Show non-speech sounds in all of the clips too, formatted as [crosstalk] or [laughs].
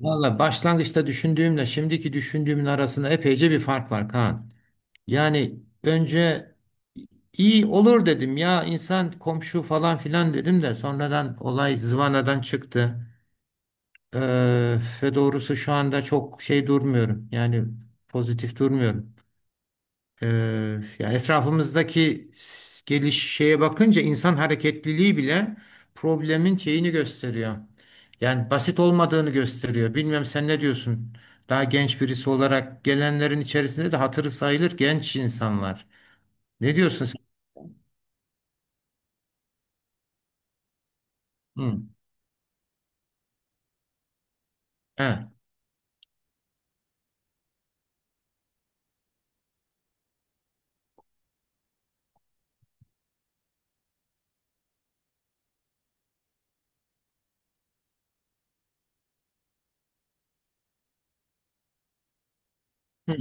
Valla başlangıçta düşündüğümle şimdiki düşündüğümün arasında epeyce bir fark var Kaan. Yani önce iyi olur dedim ya, insan komşu falan filan dedim de sonradan olay zıvanadan çıktı. Ee, Ve doğrusu şu anda çok şey durmuyorum, yani pozitif durmuyorum. Ee, Yani etrafımızdaki geliş şeye bakınca insan hareketliliği bile problemin şeyini gösteriyor. Yani basit olmadığını gösteriyor. Bilmiyorum, sen ne diyorsun? Daha genç birisi olarak gelenlerin içerisinde de hatırı sayılır genç insanlar. Ne diyorsun sen? Hı. He. Hı.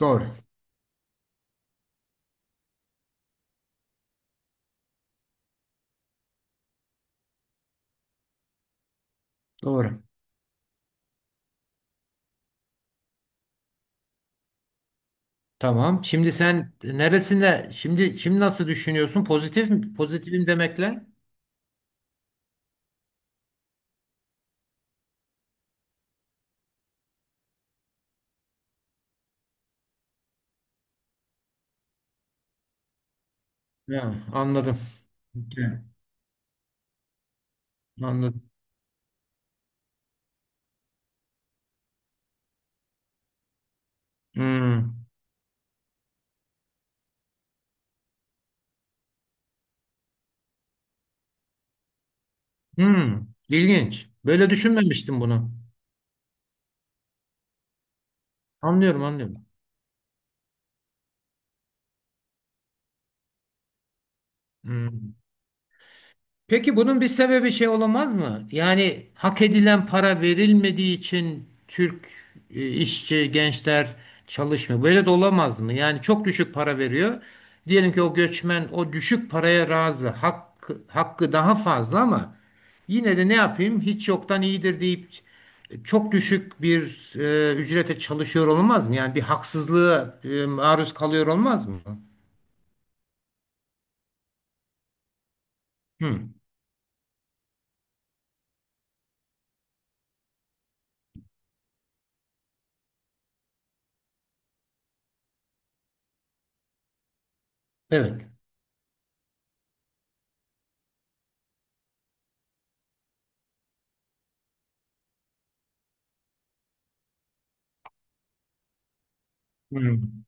Doğru. Doğru. Tamam. Şimdi sen neresinde, şimdi şimdi nasıl düşünüyorsun? Pozitif mi? Pozitifim demekle? He, anladım. He, anladım. Hmm. Hmm, ilginç. Böyle düşünmemiştim bunu. Anlıyorum, anlıyorum. Hmm. Peki bunun bir sebebi şey olamaz mı? Yani hak edilen para verilmediği için Türk, işçi, gençler çalışmıyor. Böyle de olamaz mı? Yani çok düşük para veriyor. Diyelim ki o göçmen o düşük paraya razı. Hakkı, hakkı daha fazla ama yine de ne yapayım? Hiç yoktan iyidir deyip çok düşük bir ücrete çalışıyor olmaz mı? Yani bir haksızlığa maruz kalıyor olmaz mı? Hı, evet. Hmm.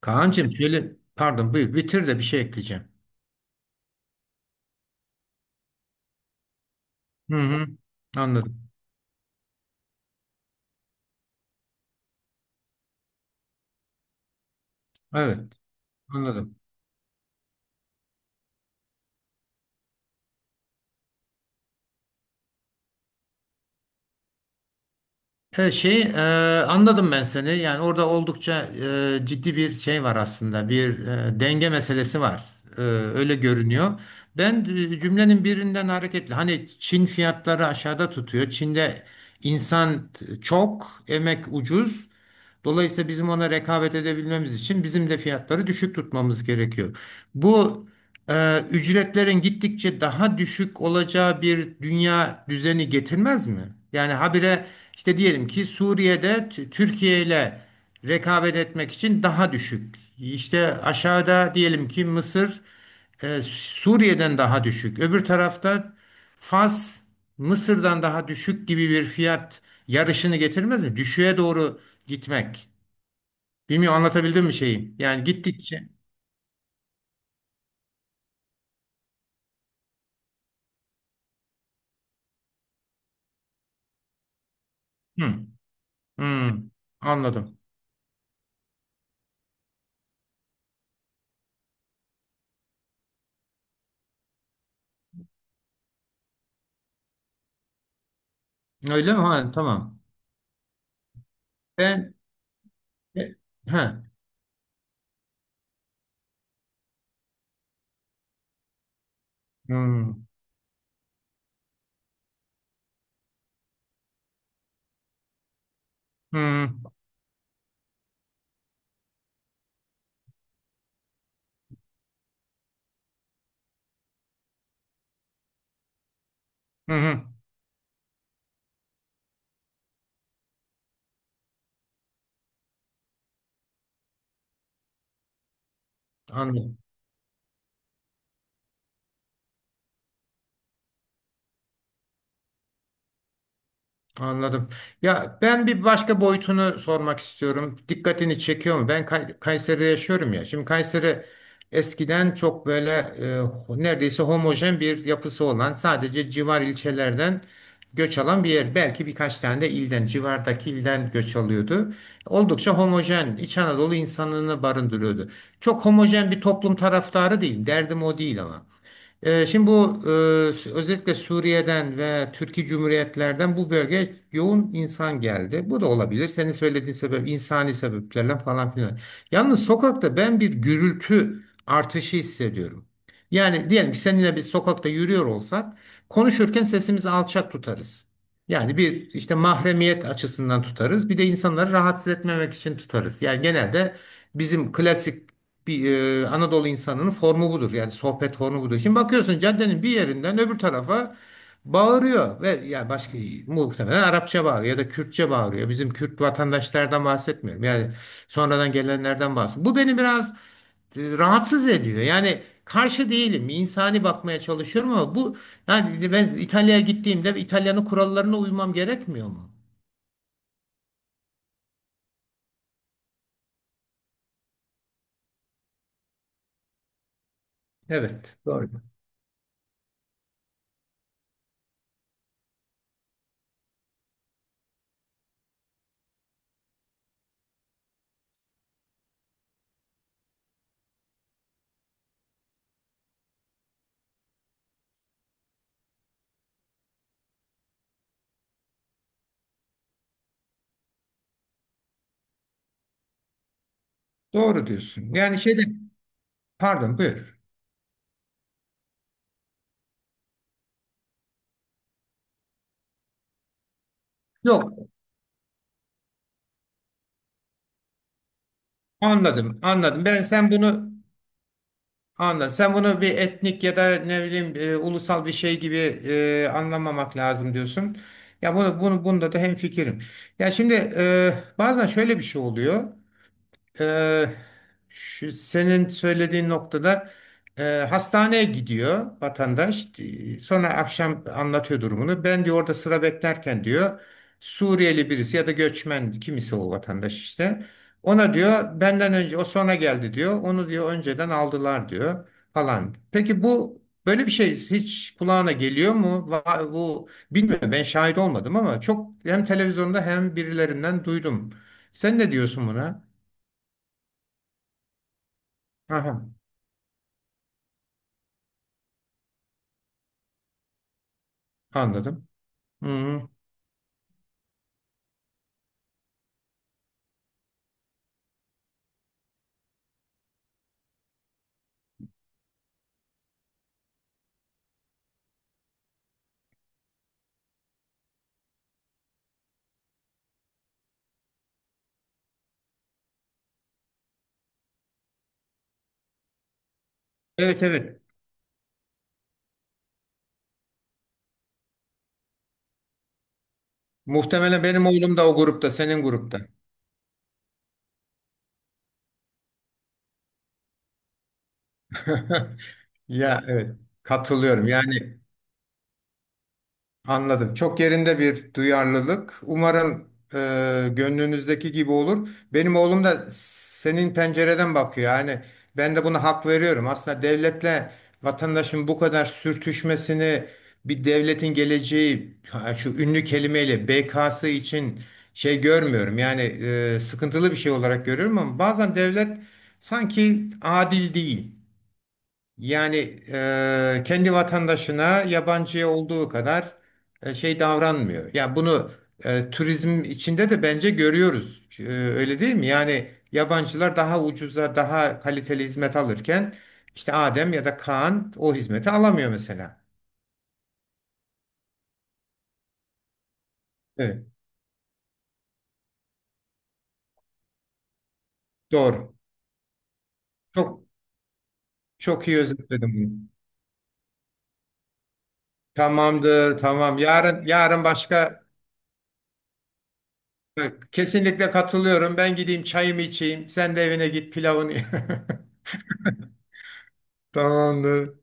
Kaan'cığım şöyle, pardon buyur bitir de bir şey ekleyeceğim. Hı hı. Anladım. Evet, anladım. Evet, şey anladım ben seni. Yani orada oldukça ciddi bir şey var aslında. Bir denge meselesi var. E, öyle görünüyor. Ben cümlenin birinden hareketle, hani Çin fiyatları aşağıda tutuyor. Çin'de insan çok, emek ucuz. Dolayısıyla bizim ona rekabet edebilmemiz için bizim de fiyatları düşük tutmamız gerekiyor. Bu ücretlerin gittikçe daha düşük olacağı bir dünya düzeni getirmez mi? Yani habire işte, diyelim ki Suriye'de Türkiye ile rekabet etmek için daha düşük. İşte aşağıda diyelim ki Mısır Suriye'den daha düşük. Öbür tarafta Fas Mısır'dan daha düşük gibi bir fiyat yarışını getirmez mi? Düşüğe doğru gitmek. Bilmiyorum, anlatabildim mi şeyi? Yani gittikçe. Hı, hı, anladım. Öyle mi? Ha, tamam. Ben he, hı, hı, hı, hı, anladım. Anladım. Ya ben bir başka boyutunu sormak istiyorum. Dikkatini çekiyor mu? Ben Kayseri'de yaşıyorum ya. Şimdi Kayseri eskiden çok böyle neredeyse homojen bir yapısı olan, sadece civar ilçelerden göç alan bir yer. Belki birkaç tane de ilden, civardaki ilden göç alıyordu. Oldukça homojen, İç Anadolu insanını barındırıyordu. Çok homojen bir toplum taraftarı değilim. Derdim o değil ama. Şimdi bu özellikle Suriye'den ve Türkiye Cumhuriyetlerden bu bölgeye yoğun insan geldi. Bu da olabilir. Senin söylediğin sebep insani sebeplerle falan filan. Yalnız sokakta ben bir gürültü artışı hissediyorum. Yani diyelim ki seninle biz sokakta yürüyor olsak, konuşurken sesimizi alçak tutarız. Yani bir işte mahremiyet açısından tutarız. Bir de insanları rahatsız etmemek için tutarız. Yani genelde bizim klasik bir Anadolu insanının formu budur. Yani sohbet formu budur. Şimdi bakıyorsun caddenin bir yerinden öbür tarafa bağırıyor ve ya başka, muhtemelen Arapça bağırıyor ya da Kürtçe bağırıyor. Bizim Kürt vatandaşlardan bahsetmiyorum. Yani sonradan gelenlerden bahsediyorum. Bu beni biraz rahatsız ediyor. Yani karşı değilim. İnsani bakmaya çalışıyorum ama bu, yani ben İtalya'ya gittiğimde İtalya'nın kurallarına uymam gerekmiyor mu? Evet. Doğru. Doğru diyorsun. Yani şeyde pardon buyur. Yok. Anladım, anladım. Ben sen bunu anladım. Sen bunu bir etnik ya da ne bileyim ulusal bir şey gibi anlamamak lazım diyorsun. Ya bunu bunda da hemfikirim. Ya şimdi bazen şöyle bir şey oluyor. Ee, Şu senin söylediğin noktada e, hastaneye gidiyor vatandaş. Sonra akşam anlatıyor durumunu. Ben diyor orada sıra beklerken diyor, Suriyeli birisi ya da göçmen kimisi o vatandaş işte. Ona diyor benden önce o sonra geldi diyor. Onu diyor önceden aldılar diyor falan. Peki bu böyle bir şey hiç kulağına geliyor mu? Bu bilmiyorum, ben şahit olmadım ama çok hem televizyonda hem birilerinden duydum. Sen ne diyorsun buna? Aha. Anladım. Hı-hı. Evet evet. Muhtemelen benim oğlum da o grupta, senin grupta. [laughs] Ya evet. Katılıyorum. Yani anladım. Çok yerinde bir duyarlılık. Umarım e, gönlünüzdeki gibi olur. Benim oğlum da senin pencereden bakıyor. Yani ben de buna hak veriyorum. Aslında devletle vatandaşın bu kadar sürtüşmesini bir devletin geleceği ha, şu ünlü kelimeyle BK'sı için şey görmüyorum. Yani sıkıntılı bir şey olarak görüyorum ama bazen devlet sanki adil değil. Yani kendi vatandaşına yabancıya olduğu kadar şey davranmıyor. Ya bunu turizm içinde de bence görüyoruz. E, öyle değil mi? Yani yabancılar daha ucuza, daha kaliteli hizmet alırken işte Adem ya da Kaan o hizmeti alamıyor mesela. Evet. Doğru. Çok çok iyi özetledim bunu. Tamamdır, tamam. Yarın yarın başka kesinlikle katılıyorum. Ben gideyim çayımı içeyim. Sen de evine git pilavını. [laughs] Tamamdır.